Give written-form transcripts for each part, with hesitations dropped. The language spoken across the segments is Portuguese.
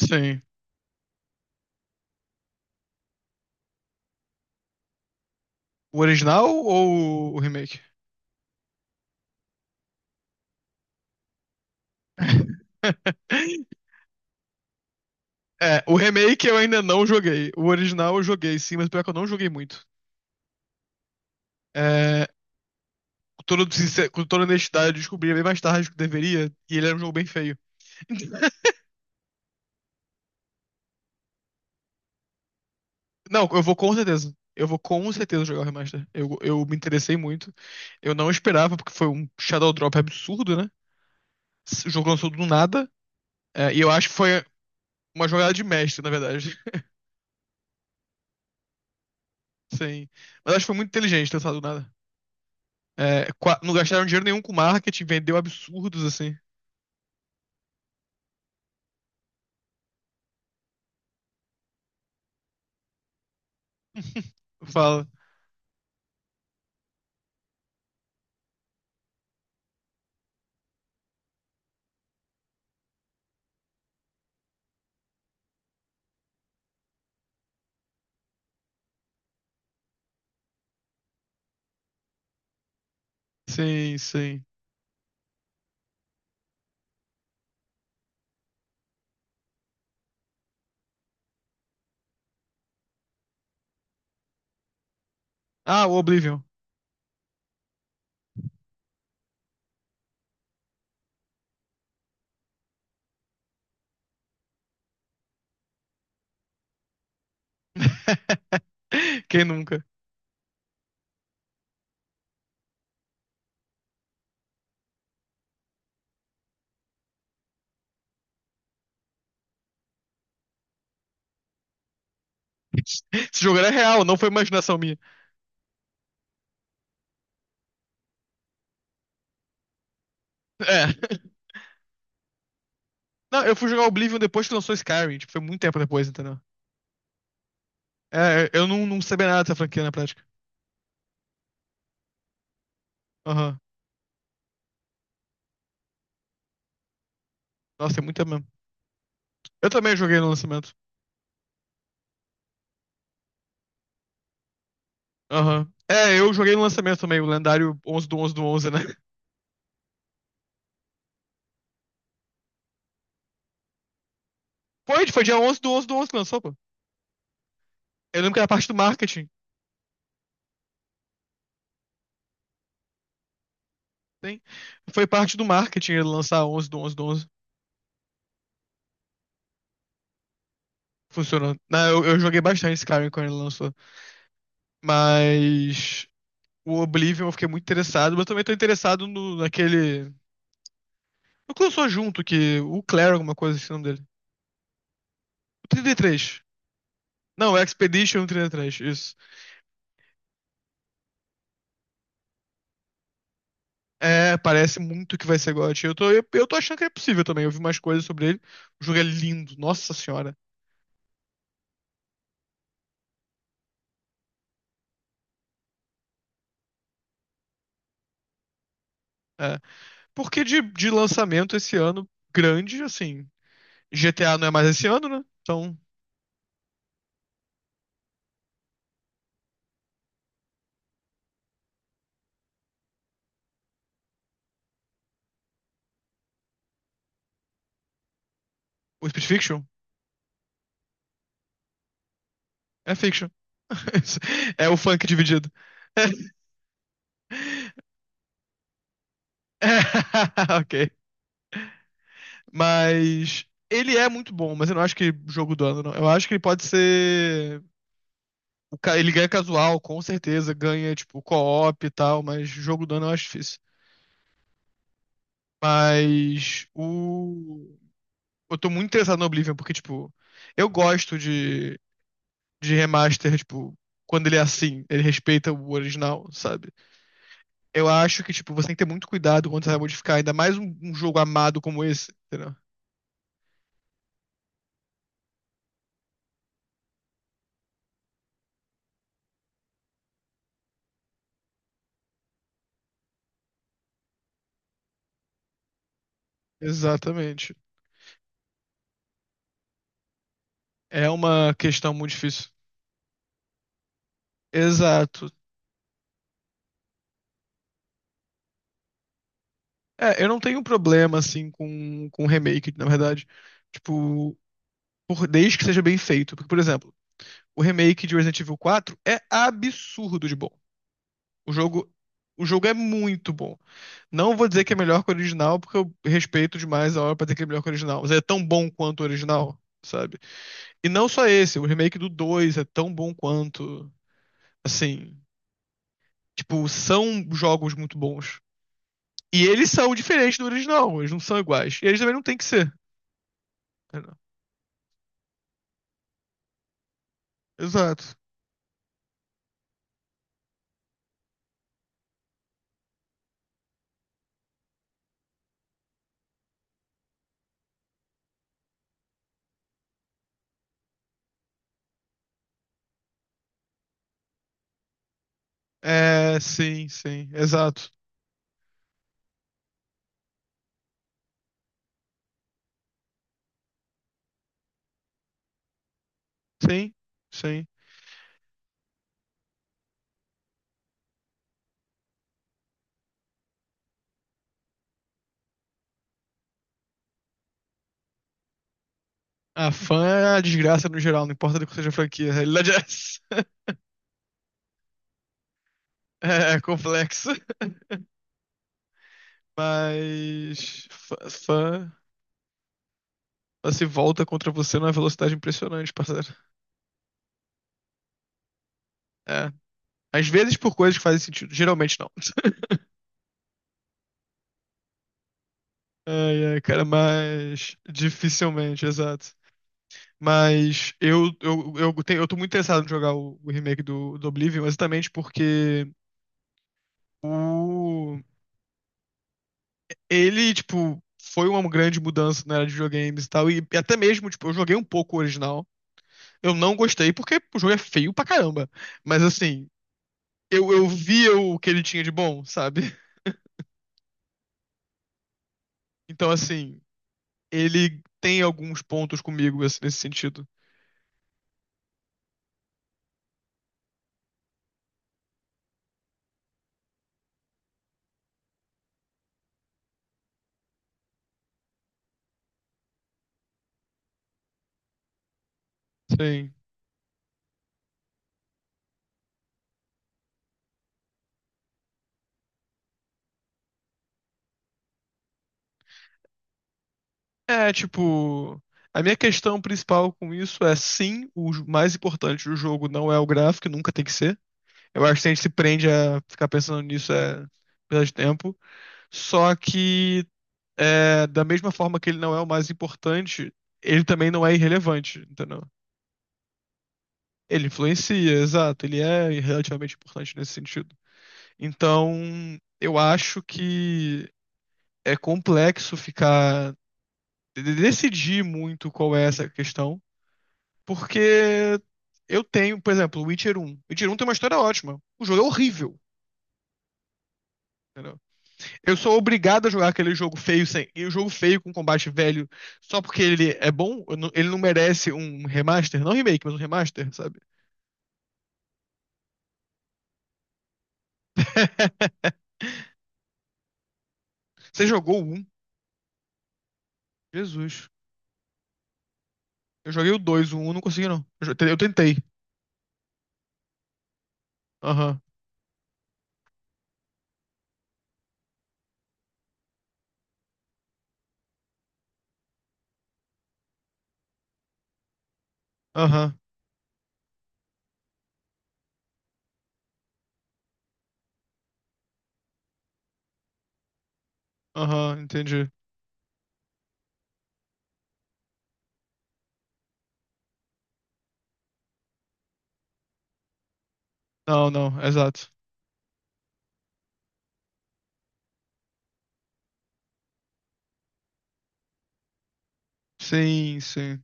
Sim. O original ou o remake? É, o remake eu ainda não joguei. O original eu joguei, sim, mas pior que eu não joguei muito. É, com toda honestidade, eu descobri bem mais tarde do que deveria, e ele era um jogo bem feio. Não, eu vou com certeza. Eu vou com certeza jogar o remaster. Eu me interessei muito. Eu não esperava, porque foi um Shadow Drop absurdo, né? O jogo lançou do nada. É, e eu acho que foi uma jogada de mestre, na verdade. Sim. Mas acho que foi muito inteligente ter lançado do nada. É, não gastaram dinheiro nenhum com marketing, vendeu absurdos assim. Fala. Sim, sim. Ah, o Oblivion. Quem nunca? Esse jogo era real, não foi imaginação minha. É. Não, eu fui jogar Oblivion depois que lançou Skyrim. Tipo, foi muito tempo depois, entendeu? É, eu não sabia nada dessa franquia na prática. Aham. Nossa, tem muita mesmo. Eu também joguei no lançamento. Aham. É, eu joguei no lançamento também, o lendário 11/11/11, né? Foi dia 11/11/11 que lançou, pô. Eu lembro que era parte do marketing. Sim. Foi parte do marketing ele lançar onze, do onze, do 11. Funcionou. Eu joguei bastante Skyrim quando ele lançou. Mas o Oblivion eu fiquei muito interessado. Mas eu também tô interessado naquele. No que lançou junto, que o Claire, alguma coisa, assim, o nome dele. O 33. Não, o Expedition 33. Isso. É, parece muito que vai ser GOT. Eu tô achando que é possível também. Eu vi umas coisas sobre ele. O jogo é lindo, nossa senhora. É. Porque de lançamento esse ano, grande, assim. GTA não é mais esse ano, né? Então. O Split Fiction? É fiction. É o funk dividido. Ok. Mas ele é muito bom, mas eu não acho que jogo do ano, não. Eu acho que ele pode ser. Ele ganha casual, com certeza. Ganha, tipo, co-op e tal, mas jogo do ano eu acho difícil. Mas o. Eu tô muito interessado no Oblivion, porque, tipo, eu gosto de remaster, tipo, quando ele é assim, ele respeita o original, sabe? Eu acho que, tipo, você tem que ter muito cuidado quando você vai modificar, ainda mais um jogo amado como esse, entendeu? Exatamente. É uma questão muito difícil. Exato. É, eu não tenho problema, assim, com remake, na verdade. Tipo, desde que seja bem feito. Porque, por exemplo, o remake de Resident Evil 4 é absurdo de bom. O jogo, o jogo é muito bom. Não vou dizer que é melhor que o original, porque eu respeito demais a hora pra dizer que é melhor que o original. Mas é tão bom quanto o original, sabe? E não só esse, o remake do 2 é tão bom quanto. Assim, tipo, são jogos muito bons. E eles são diferentes do original, eles não são iguais. E eles também não têm que ser, né? Exato. É, sim, sim, exato. Sim, sim. A fã é a desgraça no geral, não importa do que seja a franquia. A realidade é essa. É complexa. Mas fã ela se volta contra você numa velocidade impressionante, parceiro. É. Às vezes por coisas que fazem sentido, geralmente não. Ai, ai, cara, mas dificilmente, exato. Mas eu tô muito interessado em jogar o remake do Oblivion, exatamente porque o, ele, tipo, foi uma grande mudança na era de videogames e tal. E até mesmo, tipo, eu joguei um pouco o original. Eu não gostei porque o jogo é feio pra caramba. Mas assim, eu via o que ele tinha de bom, sabe? Então, assim, ele tem alguns pontos comigo assim, nesse sentido. Sim. É, tipo, a minha questão principal com isso é sim, mais importante do jogo não é o gráfico, nunca tem que ser. Eu acho que se a gente se prende a ficar pensando nisso é perda de tempo. Só que é, da mesma forma que ele não é o mais importante, ele também não é irrelevante, entendeu? Ele influencia, exato, ele é relativamente importante nesse sentido. Então, eu acho que é complexo ficar decidir muito qual é essa questão. Porque eu tenho, por exemplo, Witcher um. Witcher um tem uma história ótima. O jogo é horrível, entendeu? Eu sou obrigado a jogar aquele jogo feio sem, e o jogo feio com combate velho só porque ele é bom, eu não- ele não merece um remaster, não remake, mas um remaster, sabe? Você jogou o 1? Jesus. Eu joguei o 2, o um não consegui não. Eu tentei. Aham, aham, aham, entendi. Não, não, exato. Sim, sim.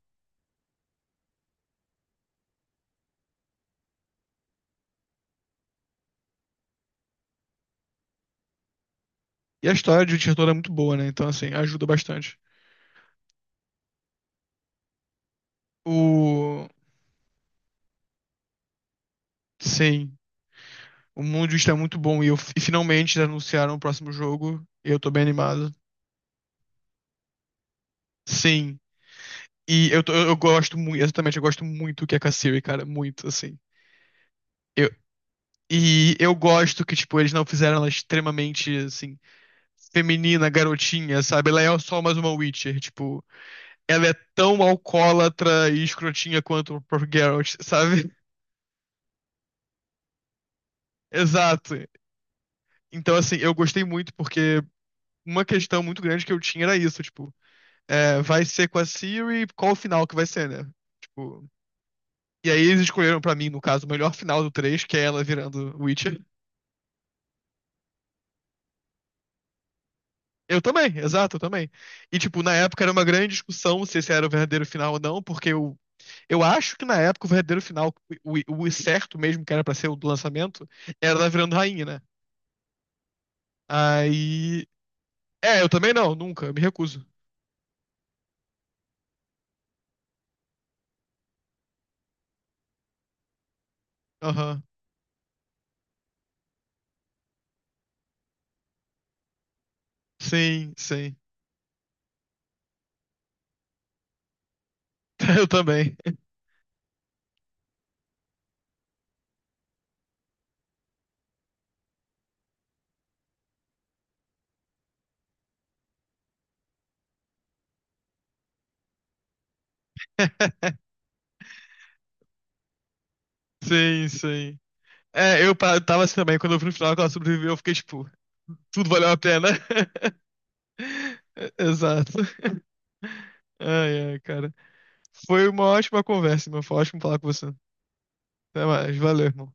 E a história de Witcher toda é muito boa, né? Então, assim, ajuda bastante. O... Sim, o mundo está muito bom e finalmente anunciaram o próximo jogo. E eu tô bem animado. Sim, eu gosto muito, exatamente, eu gosto muito que é Kassiri, cara, muito, assim. Eu, e eu gosto que, tipo, eles não fizeram ela extremamente, assim, feminina, garotinha, sabe? Ela é só mais uma Witcher, tipo, ela é tão alcoólatra e escrotinha quanto o próprio Geralt, sabe? Exato. Então, assim, eu gostei muito porque uma questão muito grande que eu tinha era isso, tipo. É, vai ser com a Siri, qual o final que vai ser, né? Tipo, e aí eles escolheram pra mim, no caso, o melhor final do 3 que é ela virando Witcher. Eu também, exato, eu também. E, tipo, na época era uma grande discussão se esse era o verdadeiro final ou não, porque eu acho que na época o verdadeiro final, o, o certo mesmo, que era pra ser o do lançamento, era ela virando rainha, né? Aí. É, eu também não, nunca, eu me recuso. Aham. Sim, sim. Eu também. Sim, sim. É, tava assim também, quando eu vi no final que ela sobreviveu, eu fiquei tipo, tudo valeu a pena. Exato. Ai, ai, cara. Foi uma ótima conversa, irmão. Foi ótimo falar com você. Até mais. Valeu, irmão.